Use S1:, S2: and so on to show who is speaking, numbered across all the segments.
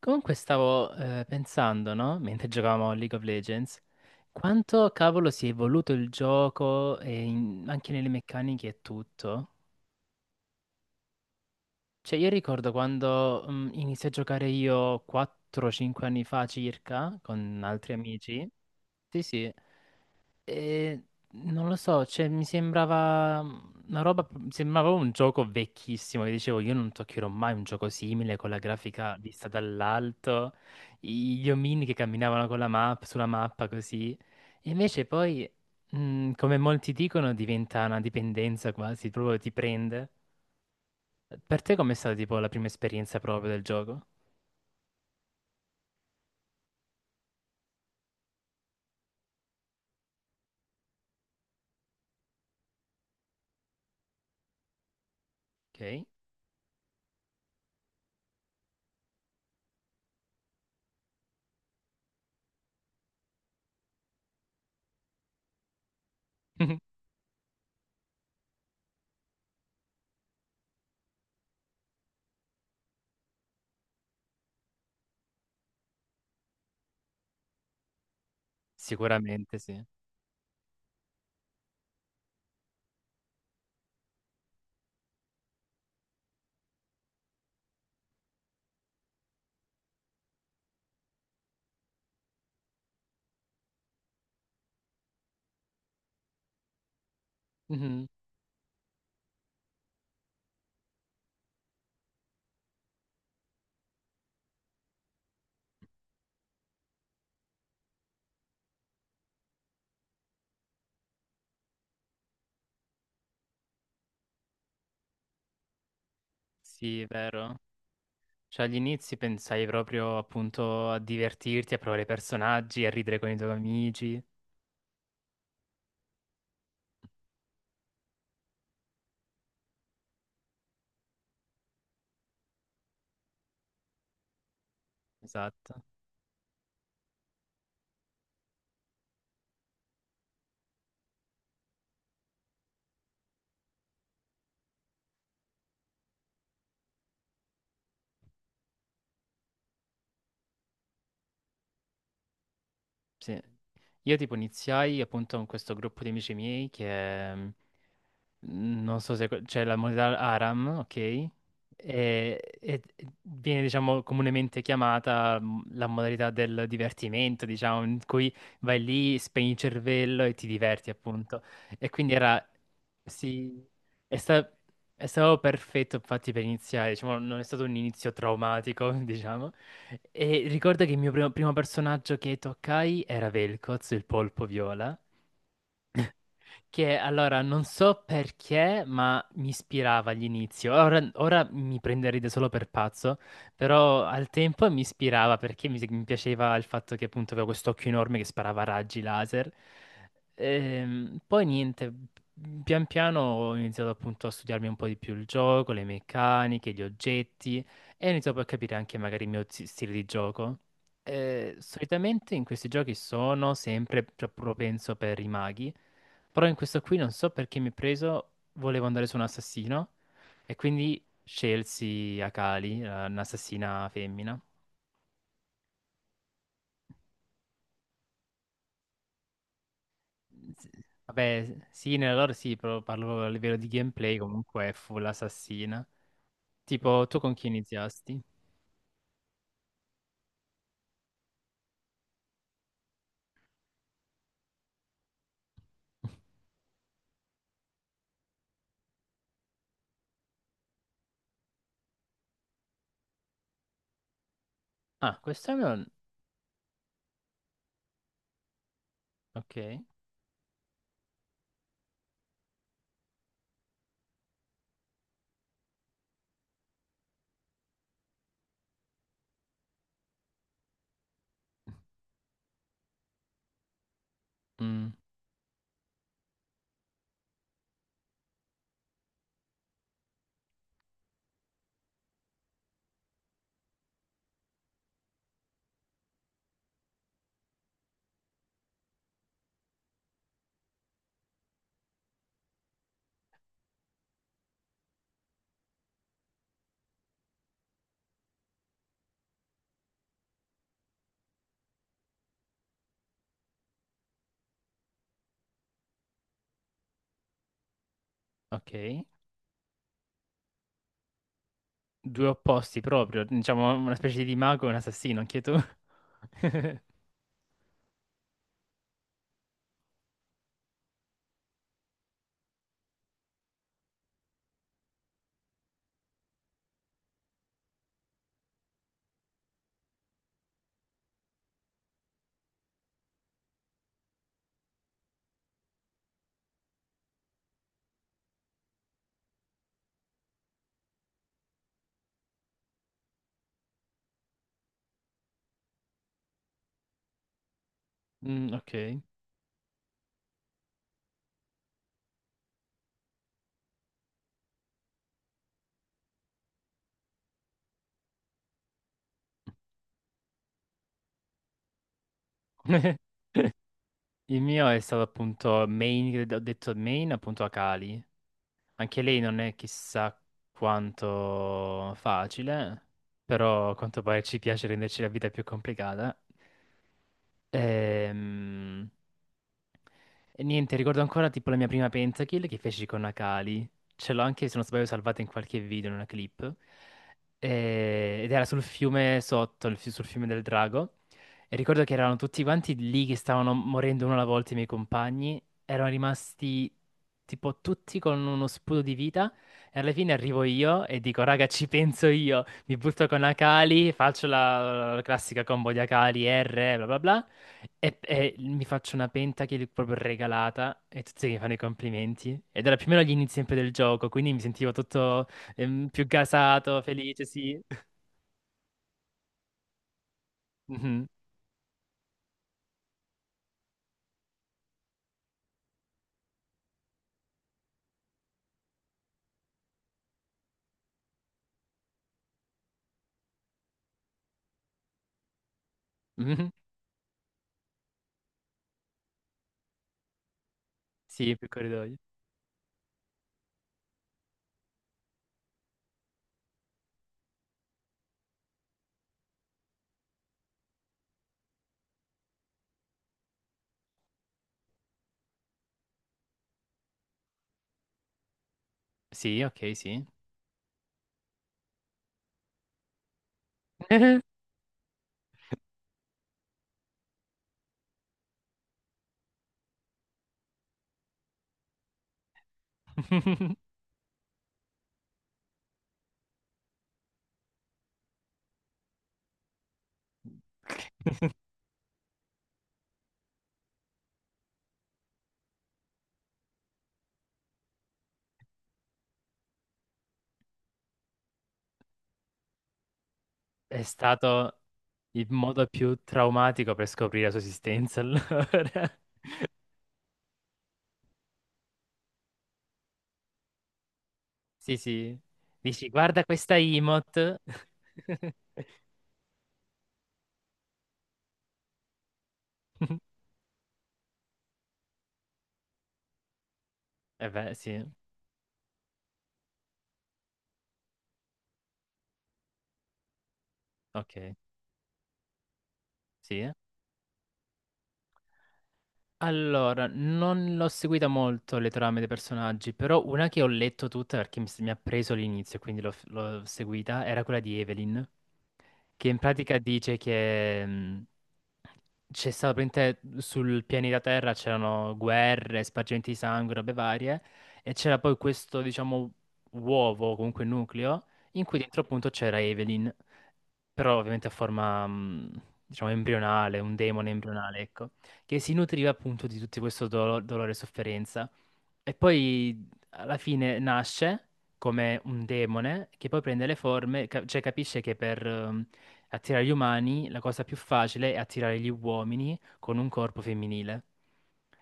S1: Comunque stavo pensando, no? Mentre giocavamo a League of Legends, quanto cavolo si è evoluto il gioco e anche nelle meccaniche e tutto. Cioè, io ricordo quando iniziai a giocare io 4-5 anni fa circa, con altri amici. Sì, sì. Eh, Non lo so, cioè, mi sembrava un gioco vecchissimo, che dicevo io non toccherò mai un gioco simile con la grafica vista dall'alto, gli omini che camminavano con la mappa, sulla mappa così. E invece poi, come molti dicono, diventa una dipendenza quasi, proprio ti prende. Per te com'è stata tipo la prima esperienza proprio del gioco? Ok? Sicuramente sì. Mhm. Sì, è vero. Cioè, agli inizi pensai proprio appunto a divertirti, a provare i personaggi, a ridere con i tuoi amici. Esatto, sì. Io tipo iniziai appunto con questo gruppo di amici miei che non so se c'è la moneta Aram, ok? E viene, diciamo, comunemente chiamata la modalità del divertimento, diciamo, in cui vai lì, spegni il cervello e ti diverti, appunto. E quindi era, sì, è, sta- è stato perfetto, infatti, per iniziare, diciamo, non è stato un inizio traumatico, diciamo. E ricordo che il mio primo personaggio che toccai era Vel'Koz, il polpo viola che allora non so perché, ma mi ispirava all'inizio. Ora mi prenderete solo per pazzo, però al tempo mi ispirava perché mi piaceva il fatto che appunto avevo quest'occhio enorme che sparava raggi laser. Poi niente, pian piano ho iniziato appunto a studiarmi un po' di più il gioco, le meccaniche, gli oggetti e ho iniziato poi a capire anche magari il mio stile di gioco. Solitamente in questi giochi sono sempre propenso per i maghi. Però in questo qui non so perché mi ha preso, volevo andare su un assassino e quindi scelsi Akali, un'assassina femmina. S- Vabbè, sì, nella lore sì, però parlo a livello di gameplay, comunque è full assassina. Tipo, tu con chi iniziasti? Ah, questo è un... Ok. Mm, ok. Due opposti proprio, diciamo una specie di mago e un assassino, anche tu. Mm, ok. Il mio è stato appunto Main, ho detto Main appunto a Kali. Anche lei non è chissà quanto facile, però a quanto pare ci piace renderci la vita più complicata. Ehm, e niente, ricordo ancora tipo la mia prima pentakill che feci con Akali. Ce l'ho anche, se non sbaglio, salvata in qualche video, in una clip. Ed era sul fiume sotto, sul fiume del drago. E ricordo che erano tutti quanti lì che stavano morendo uno alla volta i miei compagni. Erano rimasti tipo tutti con uno sputo di vita. E alla fine arrivo io e dico, raga, ci penso io. Mi butto con Akali, faccio la classica combo di Akali, R, bla bla bla. E mi faccio una penta che gli ho proprio regalata e tutti mi fanno i complimenti. Ed era più o meno agli inizi sempre del gioco, quindi mi sentivo tutto più gasato, felice, sì. Mhm, mhm, sì, più corridoio. Sì, ok, sì. È stato il modo più traumatico per scoprire la sua esistenza, allora. Sì, sì. Dici, guarda questa emote. Eh beh, sì, ok, sì. Allora, non l'ho seguita molto le trame dei personaggi, però una che ho letto tutta perché mi ha preso l'inizio, quindi l'ho seguita, era quella di Evelyn, che in pratica dice che c'è stato praticamente sul pianeta Terra c'erano guerre, spargimenti di sangue, robe varie, e c'era poi questo, diciamo, uovo, comunque nucleo, in cui dentro appunto c'era Evelyn però ovviamente a forma, diciamo, embrionale, un demone embrionale, ecco, che si nutriva appunto di tutto questo dolore e sofferenza. E poi alla fine nasce come un demone che poi prende le forme, cioè capisce che per attirare gli umani la cosa più facile è attirare gli uomini con un corpo femminile.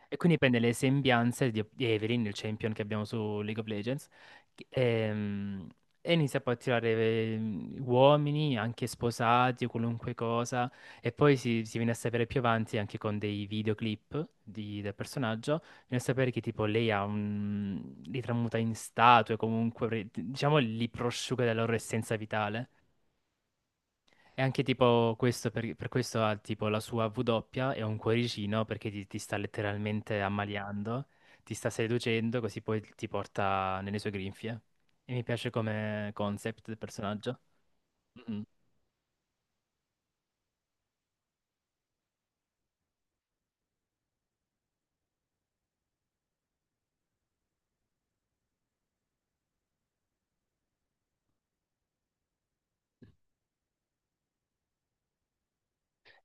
S1: E quindi prende le sembianze di Evelyn, il champion che abbiamo su League of Legends, che- ehm, e, inizia poi a tirare uomini, anche sposati o qualunque cosa. E poi si viene a sapere più avanti anche con dei videoclip del personaggio nel sapere che tipo lei ha un... li tramuta in statue, comunque, diciamo, li prosciuga della loro essenza vitale. E anche tipo questo, per questo ha tipo la sua W doppia e un cuoricino perché ti sta letteralmente ammaliando, ti sta seducendo, così poi ti porta nelle sue grinfie. E mi piace come concept del personaggio. Mm.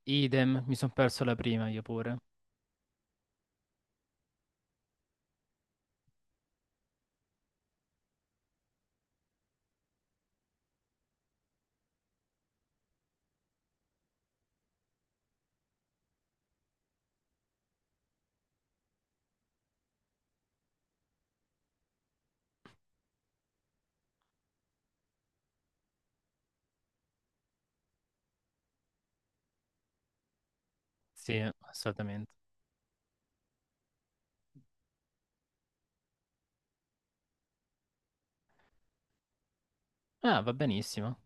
S1: Idem, mi sono perso la prima, io pure. Sì, assolutamente. Ah, va benissimo.